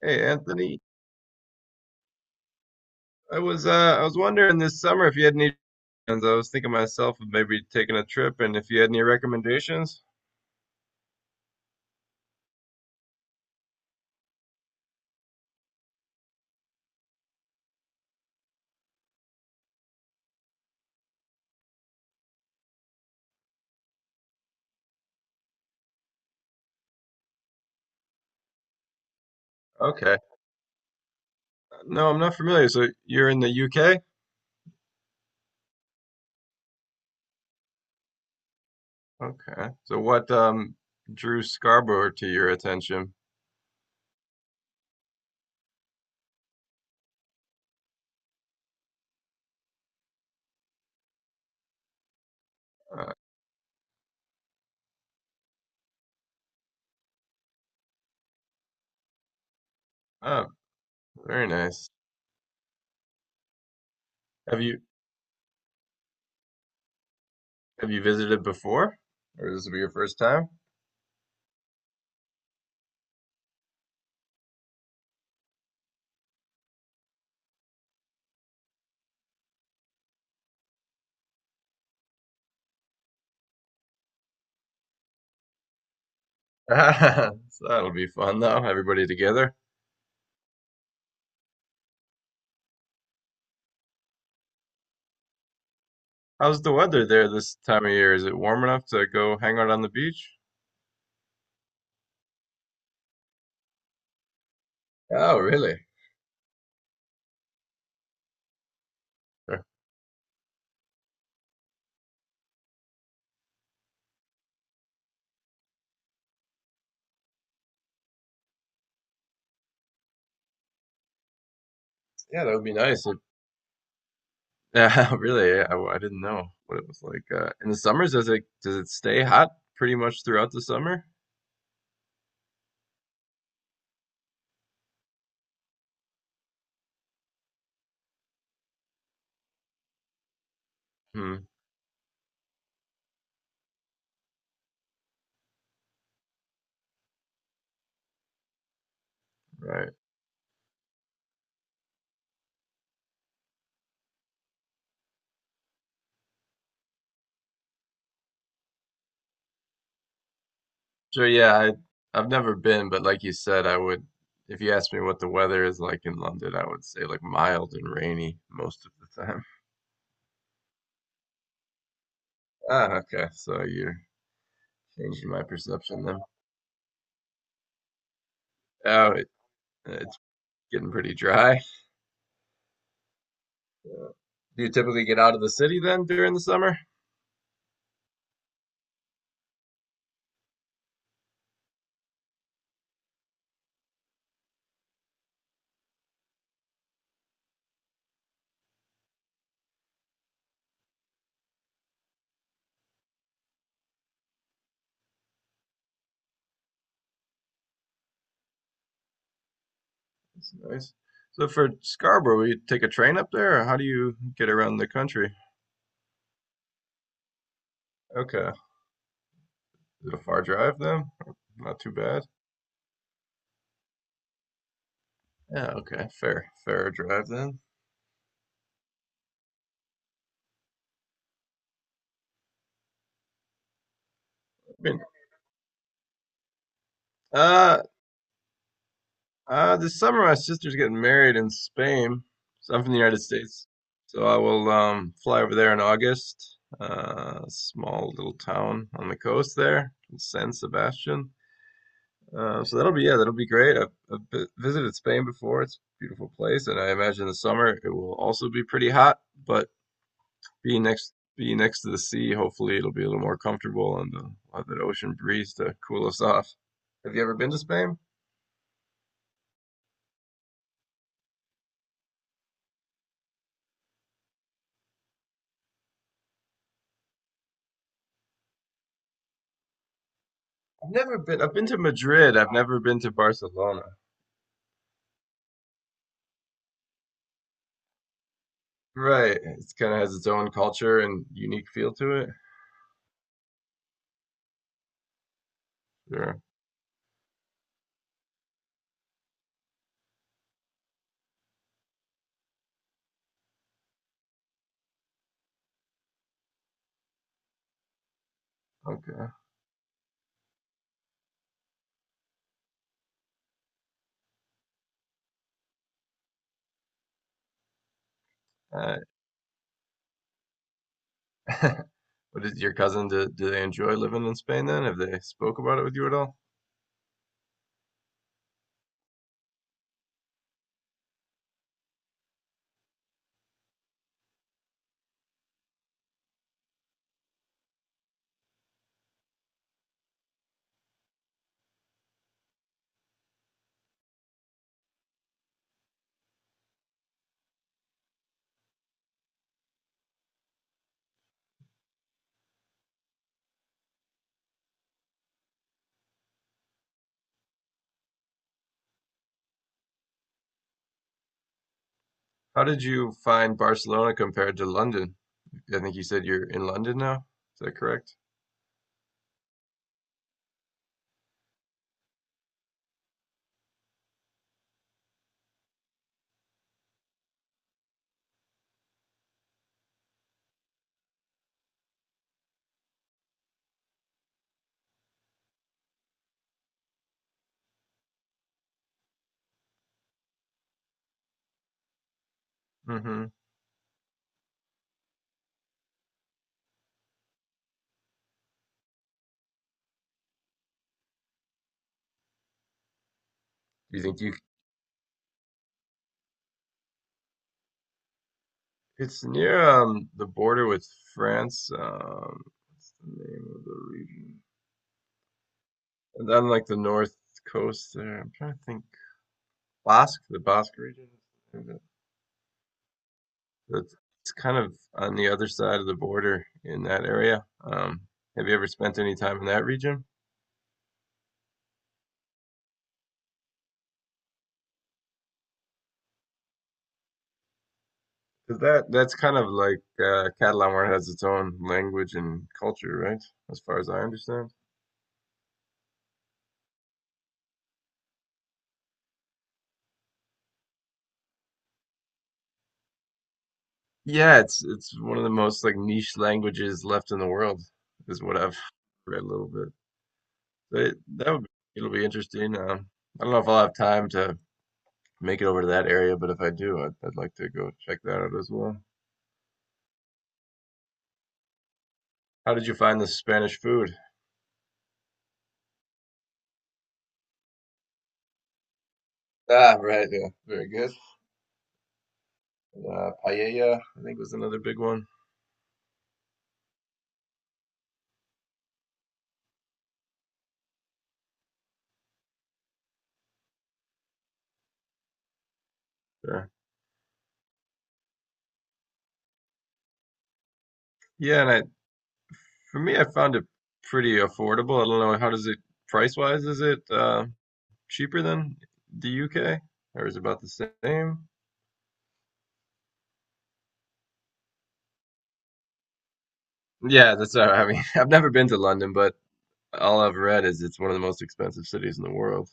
Hey Anthony, I was wondering this summer if you had any plans. I was thinking myself of maybe taking a trip and if you had any recommendations. Okay. No, I'm not familiar. So you're in the UK? Okay. So what drew Scarborough to your attention? Uh, oh, very nice. Have you have you visited before? Or this will be your first time? So that'll be fun though, everybody together. How's the weather there this time of year? Is it warm enough to go hang out on the beach? Oh, really? Yeah, that would be nice. Yeah, really. Yeah, I didn't know what it was like. In the summers, does it stay hot pretty much throughout the summer? Hmm. Right. Sure. Yeah. I've never been, but like you said, I would. If you asked me what the weather is like in London, I would say like mild and rainy most of the time. Ah, okay. So you're changing my perception then. Oh, it, it's getting pretty dry. Do you typically get out of the city then during the summer? That's nice. So for Scarborough, you take a train up there, or how do you get around the country? Okay. Is it a far drive then? Not too bad. Yeah, okay. Fair, fair drive then. I mean, uh, this summer my sister's getting married in Spain. So I'm from the United States. So I will fly over there in August. Small little town on the coast there, San Sebastian. That'll be great. I've visited Spain before. It's a beautiful place, and I imagine the summer it will also be pretty hot. But being next to the sea, hopefully it'll be a little more comfortable, and we'll have that ocean breeze to cool us off. Have you ever been to Spain? I've never been. I've been to Madrid. I've never been to Barcelona. Right. It kind of has its own culture and unique feel to it. Sure. Okay. Uh, what is your cousin? Do they enjoy living in Spain then? Have they spoke about it with you at all? How did you find Barcelona compared to London? I think you said you're in London now. Is that correct? Mm-hmm. you think you? It's near the border with France. What's the name of the region? And then like the north coast there. I'm trying to think. Basque, the Basque region. Is it? That's It's kind of on the other side of the border in that area. Have you ever spent any time in that region? 'Cause that's kind of like Catalan has its own language and culture, right? As far as I understand. Yeah, it's one of the most like niche languages left in the world, is what I've read a little bit. But that would be, It'll be interesting. I don't know if I'll have time to make it over to that area, but if I do, I'd like to go check that out as well. How did you find the Spanish food? Ah, right, yeah, very good. Paella, I think was another big one. Yeah, yeah, and I, For me, I found it pretty affordable. I don't know how does it Price wise, is it cheaper than the UK or is it about the same? Yeah, that's I mean, I've never been to London, but all I've read is it's one of the most expensive cities in the world.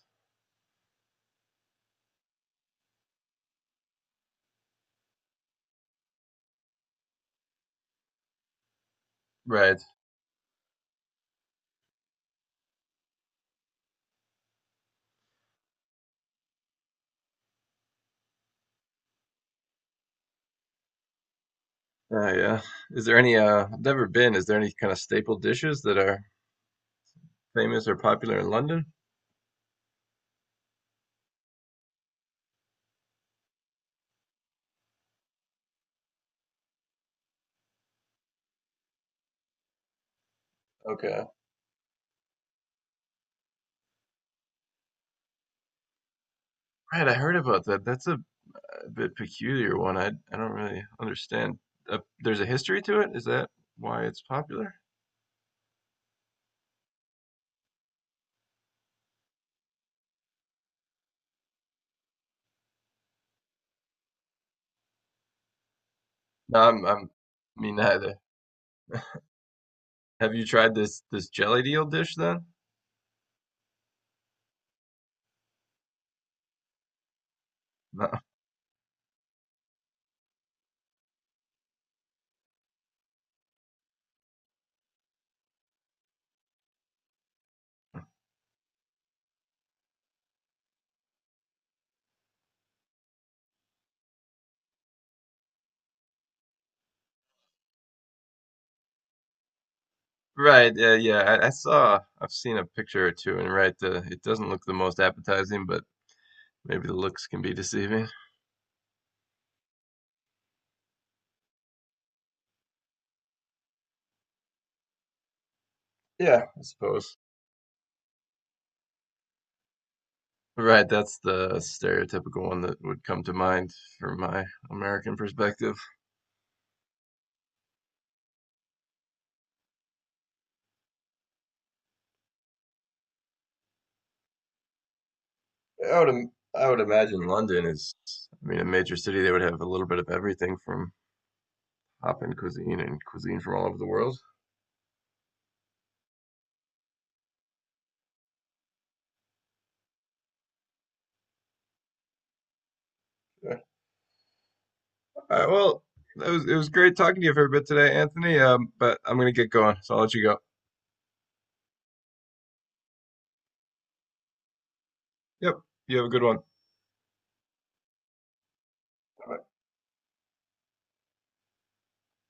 Right. Yeah. Is there any I've never been, is there any kind of staple dishes that are famous or popular in London? Okay. Right, I heard about that. That's a bit peculiar one. I don't really understand. There's a history to it. Is that why it's popular? No, I'm me neither. Have you tried this jelly deal dish then? No. Right, yeah, yeah. I saw, I've seen a picture or two, and right, it doesn't look the most appetizing, but maybe the looks can be deceiving. Yeah, I suppose. Right, that's the stereotypical one that would come to mind from my American perspective. I would imagine I mean, a major city. They would have a little bit of everything from hop-in cuisine and cuisine from all over the world. All right, well, it was great talking to you for a bit today, Anthony. But I'm gonna get going, so I'll let you go. Yep, you have a good one. Bye.